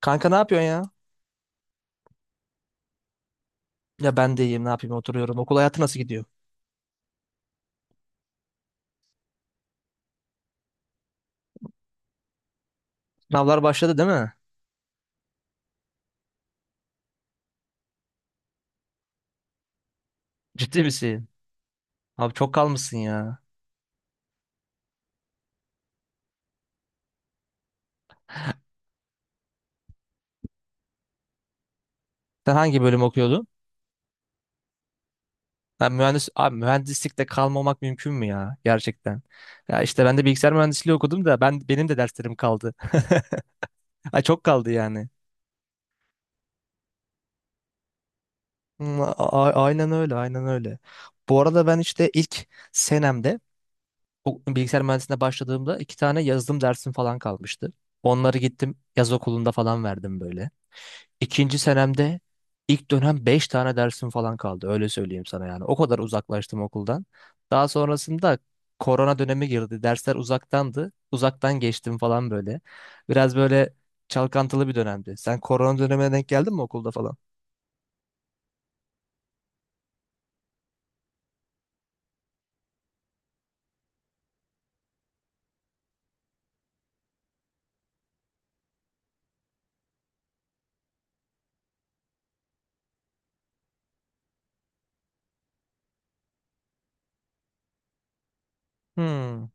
Kanka ne yapıyorsun ya? Ya ben de iyiyim ne yapayım oturuyorum. Okul hayatı nasıl gidiyor? Sınavlar başladı değil mi? Ciddi misin? Abi çok kalmışsın ya. Sen hangi bölüm okuyordun? Ben mühendis abi mühendislikte kalmamak mümkün mü ya gerçekten? Ya işte ben de bilgisayar mühendisliği okudum da benim de derslerim kaldı. Ay çok kaldı yani. Aynen öyle, aynen öyle. Bu arada ben işte ilk senemde o bilgisayar mühendisliğine başladığımda iki tane yazılım dersim falan kalmıştı. Onları gittim yaz okulunda falan verdim böyle. İkinci senemde ilk dönem 5 tane dersim falan kaldı. Öyle söyleyeyim sana yani. O kadar uzaklaştım okuldan. Daha sonrasında korona dönemi girdi. Dersler uzaktandı. Uzaktan geçtim falan böyle. Biraz böyle çalkantılı bir dönemdi. Sen korona dönemine denk geldin mi okulda falan? Hmm.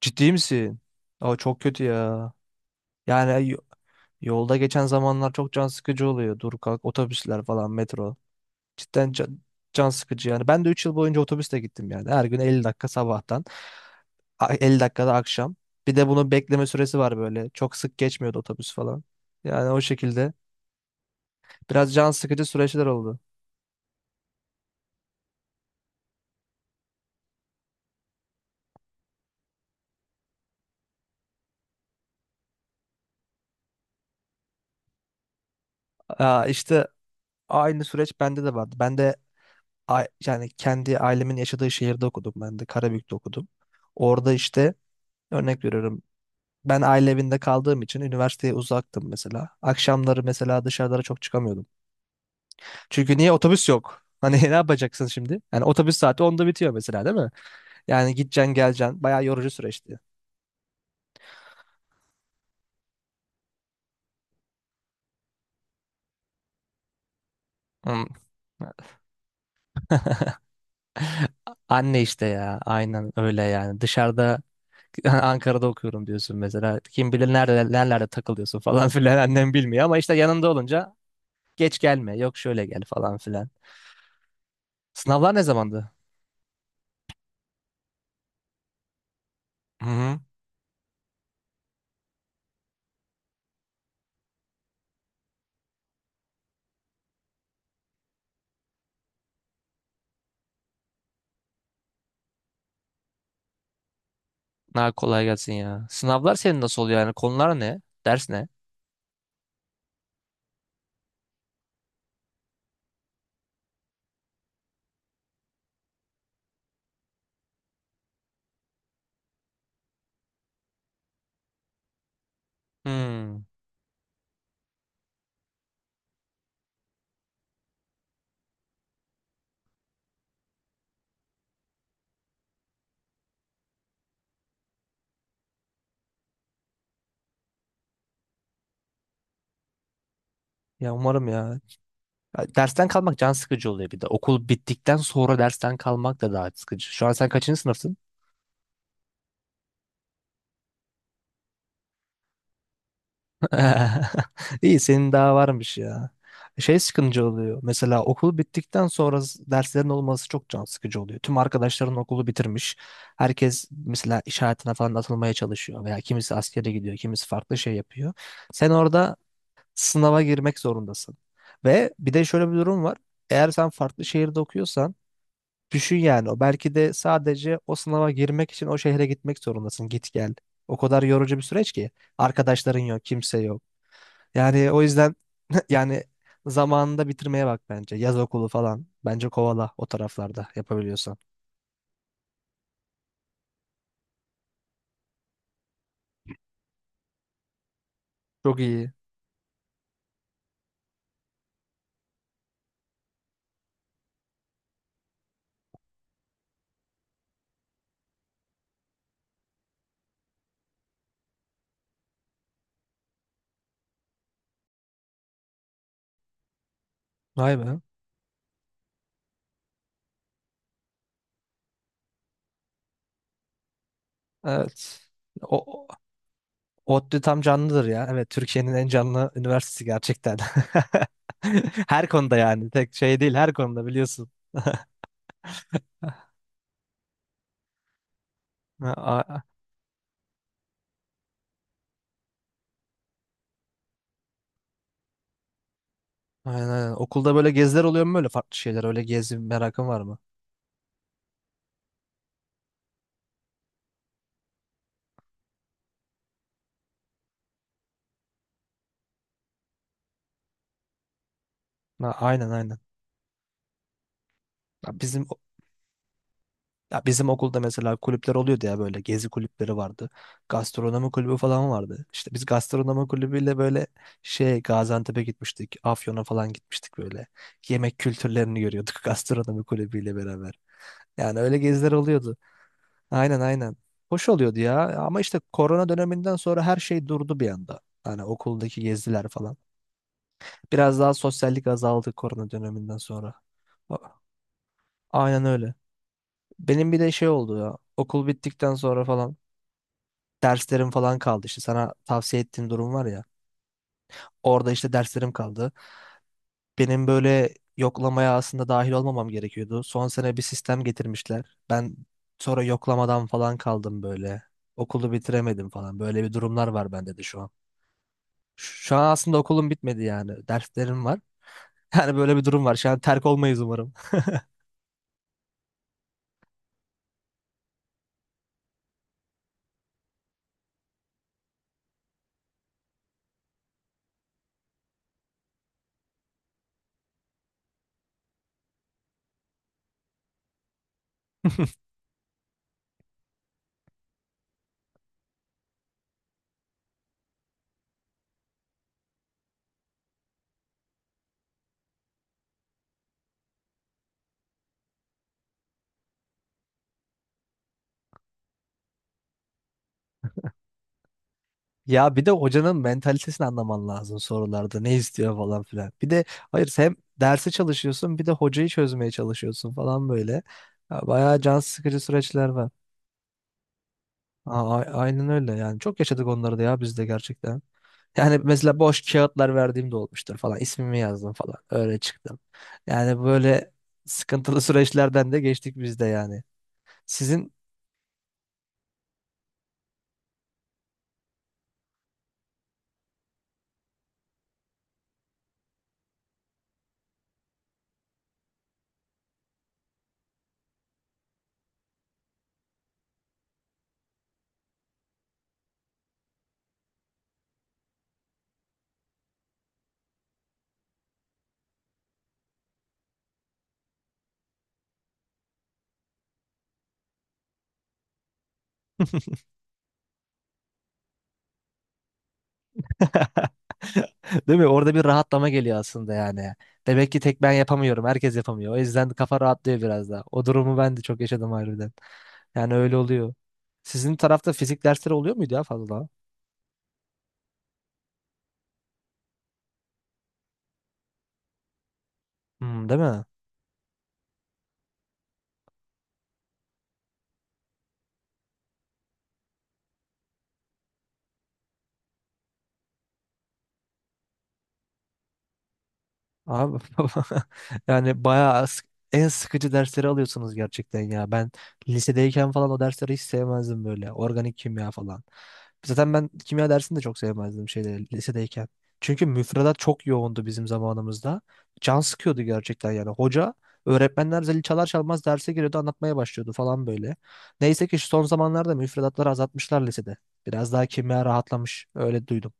Ciddi misin? Aa, çok kötü ya. Yani yo- Yolda geçen zamanlar çok can sıkıcı oluyor. Dur kalk otobüsler falan metro. Cidden can, can sıkıcı yani. Ben de 3 yıl boyunca otobüsle gittim yani. Her gün 50 dakika sabahtan. 50 dakikada akşam. Bir de bunun bekleme süresi var böyle. Çok sık geçmiyordu otobüs falan. Yani o şekilde. Biraz can sıkıcı süreçler oldu. Aa, işte aynı süreç bende de vardı. Yani kendi ailemin yaşadığı şehirde okudum. Ben de Karabük'te okudum. Orada işte örnek veriyorum. Ben aile evinde kaldığım için üniversiteye uzaktım mesela. Akşamları mesela dışarılara çok çıkamıyordum. Çünkü niye otobüs yok? Hani ne yapacaksın şimdi? Yani otobüs saati onda bitiyor mesela değil mi? Yani gideceksin geleceksin. Bayağı yorucu süreçti. Hmm. Anne işte ya aynen öyle yani dışarıda Ankara'da okuyorum diyorsun mesela kim bilir nerede nerelerde takılıyorsun falan filan annem bilmiyor ama işte yanında olunca geç gelme yok şöyle gel falan filan. Sınavlar ne zamandı? Hı hı. Ha, kolay gelsin ya. Sınavlar senin nasıl oluyor yani konular ne? Ders ne? Hmm. Ya umarım ya. Ya dersten kalmak can sıkıcı oluyor bir de. Okul bittikten sonra dersten kalmak da daha sıkıcı. Şu an sen kaçıncı sınıfsın? İyi senin daha varmış ya. Şey sıkıcı oluyor. Mesela okul bittikten sonra s- derslerin olması çok can sıkıcı oluyor. Tüm arkadaşların okulu bitirmiş. Herkes mesela iş hayatına falan atılmaya çalışıyor veya kimisi askere gidiyor, kimisi farklı şey yapıyor. Sen orada sınava girmek zorundasın. Ve bir de şöyle bir durum var. Eğer sen farklı şehirde okuyorsan düşün yani o belki de sadece o sınava girmek için o şehre gitmek zorundasın. Git gel. O kadar yorucu bir süreç ki. Arkadaşların yok, kimse yok. Yani o yüzden yani zamanında bitirmeye bak bence. Yaz okulu falan. Bence kovala o taraflarda yapabiliyorsan. Çok iyi. Vay be. Evet. O, o- ODTÜ tam canlıdır ya. Evet Türkiye'nin en canlı üniversitesi gerçekten. Her konuda yani. Tek şey değil her konuda biliyorsun. Ha, a- Aynen aynen. Okulda böyle geziler oluyor mu böyle farklı şeyler? Öyle gezi merakın var mı? Ha, aynen aynen. Ya Ya bizim okulda mesela kulüpler oluyordu ya böyle gezi kulüpleri vardı. Gastronomi kulübü falan vardı. İşte biz gastronomi kulübüyle böyle şey Gaziantep'e gitmiştik. Afyon'a falan gitmiştik böyle. Yemek kültürlerini görüyorduk gastronomi kulübüyle beraber. Yani öyle geziler oluyordu. Aynen aynen. Hoş oluyordu ya ama işte korona döneminden sonra her şey durdu bir anda. Hani okuldaki geziler falan. Biraz daha sosyallik azaldı korona döneminden sonra. A- Aynen öyle. Benim bir de şey oldu ya. Okul bittikten sonra falan derslerim falan kaldı işte sana tavsiye ettiğim durum var ya. Orada işte derslerim kaldı. Benim böyle yoklamaya aslında dahil olmamam gerekiyordu. Son sene bir sistem getirmişler. Ben sonra yoklamadan falan kaldım böyle. Okulu bitiremedim falan. Böyle bir durumlar var bende de şu an. Şu an aslında okulum bitmedi yani. Derslerim var. Yani böyle bir durum var. Şu an terk olmayız umarım. Ya bir de hocanın mentalitesini anlaman lazım sorularda. Ne istiyor falan filan. Bir de hayır hem dersi çalışıyorsun bir de hocayı çözmeye çalışıyorsun falan böyle. Ya bayağı can sıkıcı süreçler var. Aynen öyle yani. Çok yaşadık onları da ya biz de gerçekten. Yani mesela boş kağıtlar verdiğim de olmuştur falan. İsmimi yazdım falan. Öyle çıktım. Yani böyle sıkıntılı süreçlerden de geçtik biz de yani. Sizin değil mi? Orada bir rahatlama geliyor aslında yani. Demek ki tek ben yapamıyorum. Herkes yapamıyor. O yüzden kafa rahatlıyor biraz da. O durumu ben de çok yaşadım harbiden. Yani öyle oluyor. Sizin tarafta fizik dersleri oluyor muydu ya fazla? Hmm, değil mi? Abi yani bayağı sık- en sıkıcı dersleri alıyorsunuz gerçekten ya. Ben lisedeyken falan o dersleri hiç sevmezdim böyle. Organik kimya falan. Zaten ben kimya dersini de çok sevmezdim şeyde lisedeyken. Çünkü müfredat çok yoğundu bizim zamanımızda. Can sıkıyordu gerçekten yani. Öğretmenler zili çalar çalmaz derse giriyordu anlatmaya başlıyordu falan böyle. Neyse ki şu son zamanlarda müfredatları azaltmışlar lisede. Biraz daha kimya rahatlamış öyle duydum.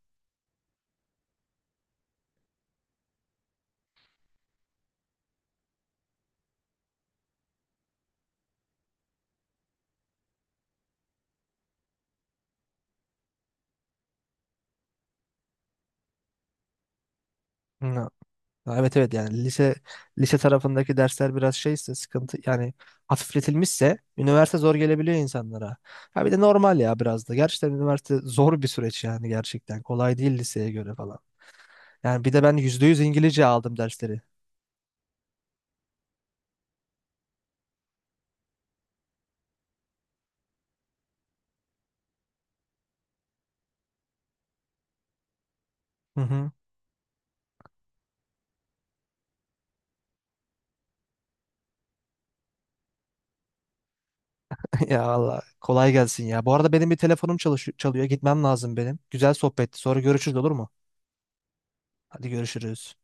Ha, evet evet yani lise tarafındaki dersler biraz şeyse sıkıntı yani hafifletilmişse üniversite zor gelebiliyor insanlara. Ha bir de normal ya biraz da. Gerçekten üniversite zor bir süreç yani gerçekten. Kolay değil liseye göre falan. Yani bir de ben %100 İngilizce aldım dersleri. Hı hı. Ya Allah kolay gelsin ya. Bu arada benim bir telefonum çalıyor. Gitmem lazım benim. Güzel sohbetti. Sonra görüşürüz olur mu? Hadi görüşürüz.